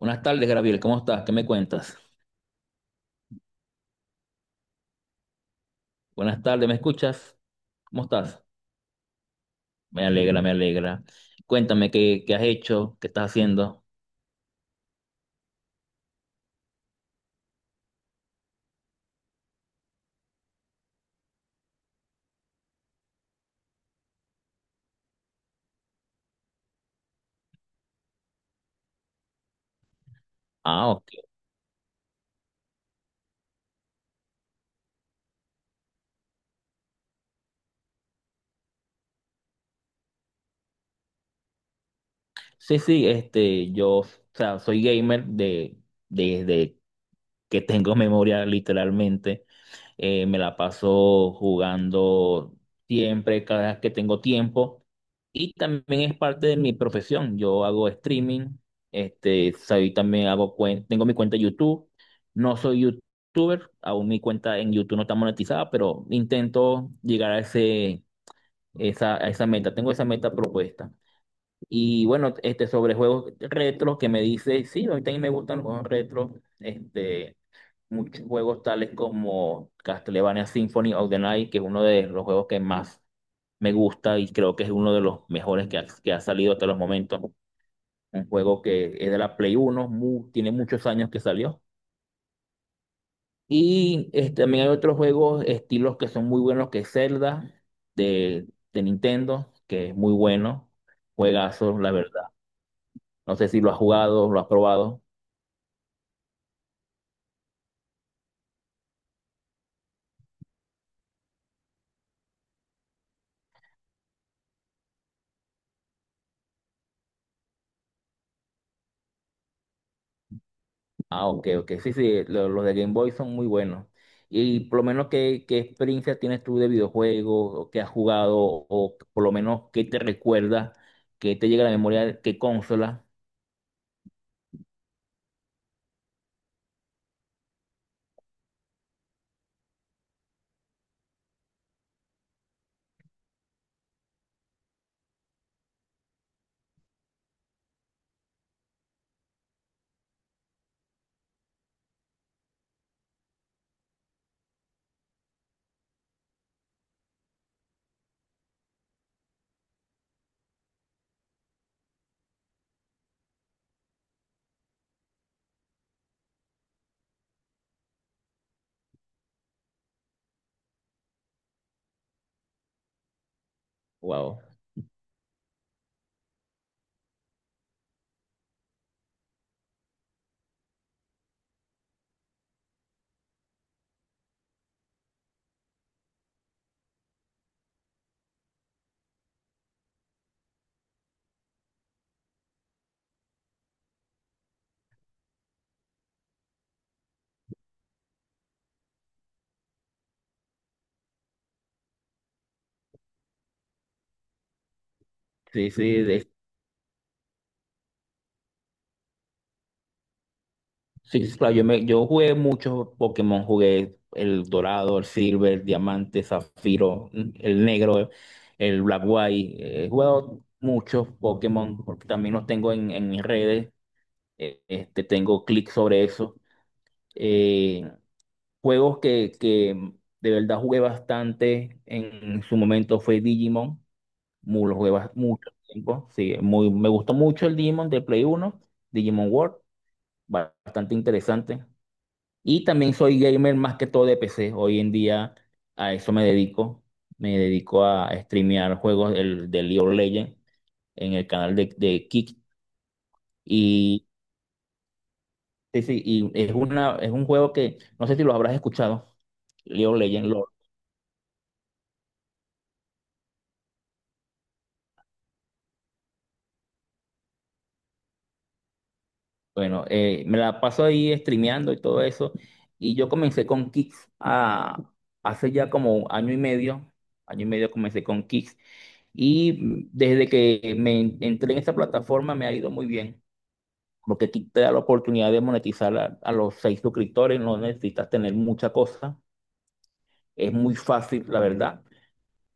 Buenas tardes, Gabriel. ¿Cómo estás? ¿Qué me cuentas? Buenas tardes, ¿me escuchas? ¿Cómo estás? Me alegra, me alegra. Cuéntame qué has hecho, qué estás haciendo. Ah, ok. Sí, sí, este, o sea, soy gamer desde que tengo memoria, literalmente. Me la paso jugando siempre, cada vez que tengo tiempo. Y también es parte de mi profesión. Yo hago streaming, este, tengo mi cuenta de YouTube. No soy youtuber, aún mi cuenta en YouTube no está monetizada, pero intento llegar a esa meta. Tengo esa meta propuesta. Y bueno, este, sobre juegos retro que me dice, sí, a mí también me gustan los juegos retro. Este, muchos juegos tales como Castlevania Symphony of the Night, que es uno de los juegos que más me gusta y creo que es uno de los mejores que que ha salido hasta los momentos. Un juego que es de la Play Uno tiene muchos años que salió. Y este, también hay otros juegos, estilos que son muy buenos, que es Zelda de, de Nintendo, que es muy bueno. Juegazo, la verdad. No sé si lo has jugado, lo has probado. Ah, ok, ok. Sí, sí, los de Game Boy son muy buenos. Y por lo menos, ¿qué, qué experiencia tienes tú de videojuegos? ¿O qué has jugado? ¿O por lo menos qué te recuerda? ¿Qué te llega a la memoria? ¿Qué consola? Wow. Sí, sí, de- sí, sí, claro. Yo jugué muchos Pokémon. Jugué el dorado, el silver, el diamante, zafiro, el negro, el black white. He jugado muchos Pokémon porque también los tengo en mis redes. Este, tengo clic sobre eso. Eh, Juegos que de verdad jugué bastante en su momento fue Digimon. Lo jugué mucho tiempo. Sí, me gustó mucho el Digimon de Play Uno, Digimon World, bastante interesante. Y también soy gamer más que todo de PC. Hoy en día a eso me dedico. Me dedico a streamear juegos de League of Legends en el canal de Kick. Y, sí, sí, y es una, es un juego que no sé si lo habrás escuchado, League of Legends. Bueno, me la paso ahí streameando y todo eso. Y yo comencé con hace ya como año y medio. Año y medio comencé con Kicks. Y desde que entré en esa plataforma me ha ido muy bien. Porque Kicks te da la oportunidad de monetizar a los 6 suscriptores. No necesitas tener mucha cosa. Es muy fácil, la verdad.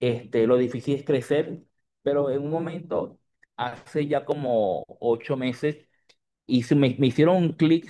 Este, lo difícil es crecer. Pero en un momento, hace ya como 8 meses. Y me hicieron un clic,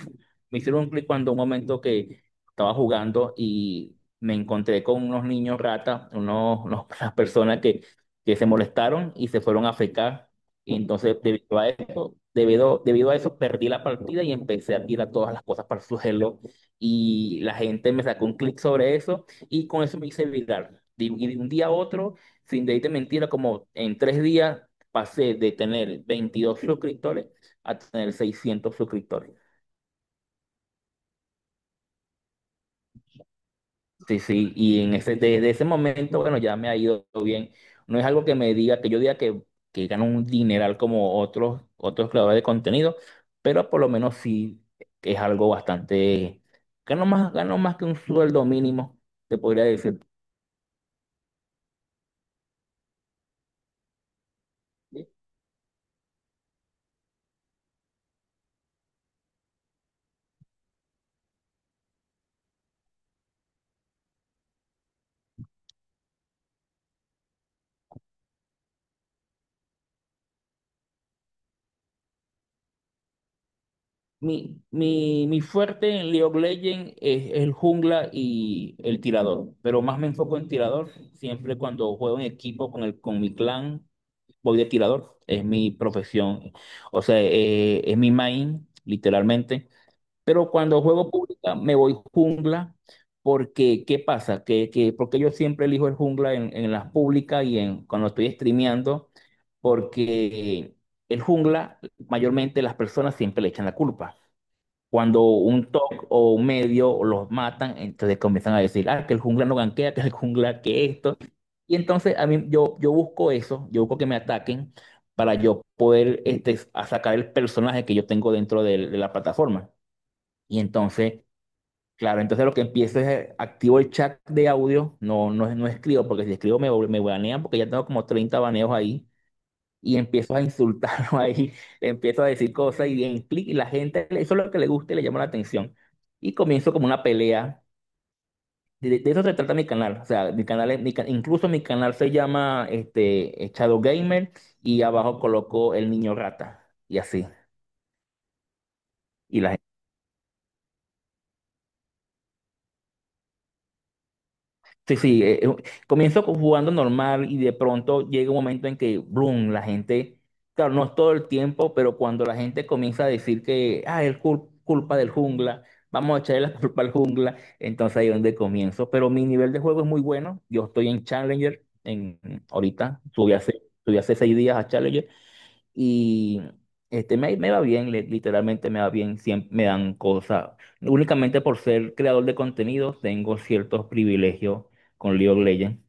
me hicieron un clic cuando un momento que estaba jugando y me encontré con unos niños ratas, unas personas que se molestaron y se fueron a fecar. Y entonces, debido a eso, debido a eso, perdí la partida y empecé a tirar todas las cosas para el suelo. Y la gente me sacó un clic sobre eso y con eso me hice viral. Y de un día a otro, sin decirte mentira, como en tres días pasé de tener 22 suscriptores a tener 600 suscriptores. Sí, sí, y en ese, desde ese momento, bueno, ya me ha ido bien. No es algo que me diga, que yo diga que gano un dineral como otros, otros creadores de contenido, pero por lo menos sí es algo bastante, gano más que un sueldo mínimo, te podría decir. Mi fuerte en League of Legends es el jungla y el tirador, pero más me enfoco en tirador, siempre cuando juego en equipo con mi clan voy de tirador, es mi profesión, o sea, es mi main, literalmente. Pero cuando juego pública me voy jungla, porque ¿qué pasa? Porque yo siempre elijo el jungla en las públicas y en, cuando estoy streameando, porque el jungla, mayormente las personas siempre le echan la culpa. Cuando un top o un medio los matan, entonces comienzan a decir, ah, que el jungla no ganquea, que el jungla que esto. Y entonces yo busco eso, yo busco que me ataquen para yo poder este, a sacar el personaje que yo tengo dentro la plataforma. Y entonces, claro, entonces lo que empiezo es activo el chat de audio, no escribo, porque si escribo me banean porque ya tengo como 30 baneos ahí y empiezo a insultarlo ahí, le empiezo a decir cosas y, en clic, y la gente, eso es lo que le gusta y le llama la atención. Y comienzo como una pelea. De eso se trata mi canal. O sea, mi canal, es- mi ca- incluso mi canal se llama este, Shadow Gamer y abajo coloco El Niño Rata y así. Y la Sí, sí, comienzo jugando normal y de pronto llega un momento en que, boom, la gente, claro, no es todo el tiempo, pero cuando la gente comienza a decir que, ah, es culpa del jungla, vamos a echarle la culpa al jungla, entonces ahí es donde comienzo. Pero mi nivel de juego es muy bueno, yo estoy en Challenger, en, ahorita, subí hace 6 días a Challenger y este, me va bien, literalmente me va bien, siempre me dan cosas. Únicamente por ser creador de contenido tengo ciertos privilegios con League of Legends.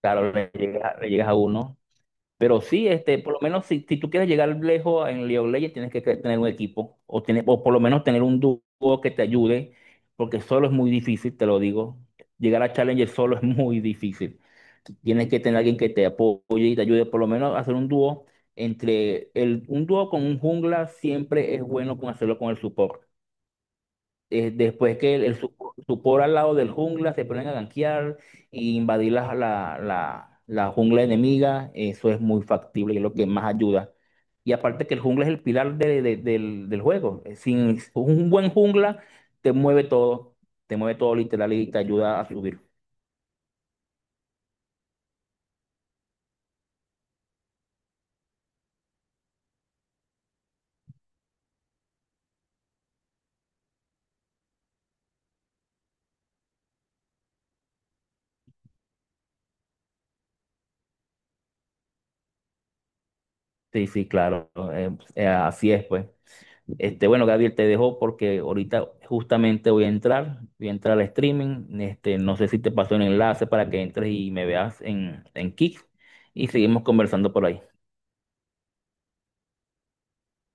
Claro, le llegas a uno. Pero sí, este, por lo menos si tú quieres llegar lejos en League of Legends, tienes que tener un equipo o por lo menos tener un dúo que te ayude, porque solo es muy difícil, te lo digo. Llegar a Challenger solo es muy difícil. Tienes que tener alguien que te apoye y te ayude, por lo menos hacer un dúo un dúo con un jungla siempre es bueno con hacerlo con el support después que el supor al lado del jungla se ponen a gankear e invadir la jungla enemiga, eso es muy factible y es lo que más ayuda. Y aparte que el jungla es el pilar del juego. Sin un buen jungla te mueve todo, te mueve todo literal y te ayuda a subir. Sí, sí, claro, así es, pues. Este, bueno, Gabriel, te dejo porque ahorita justamente voy a entrar al streaming. Este, no sé si te paso el enlace para que entres y me veas en Kick y seguimos conversando por ahí.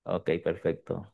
Ok, perfecto.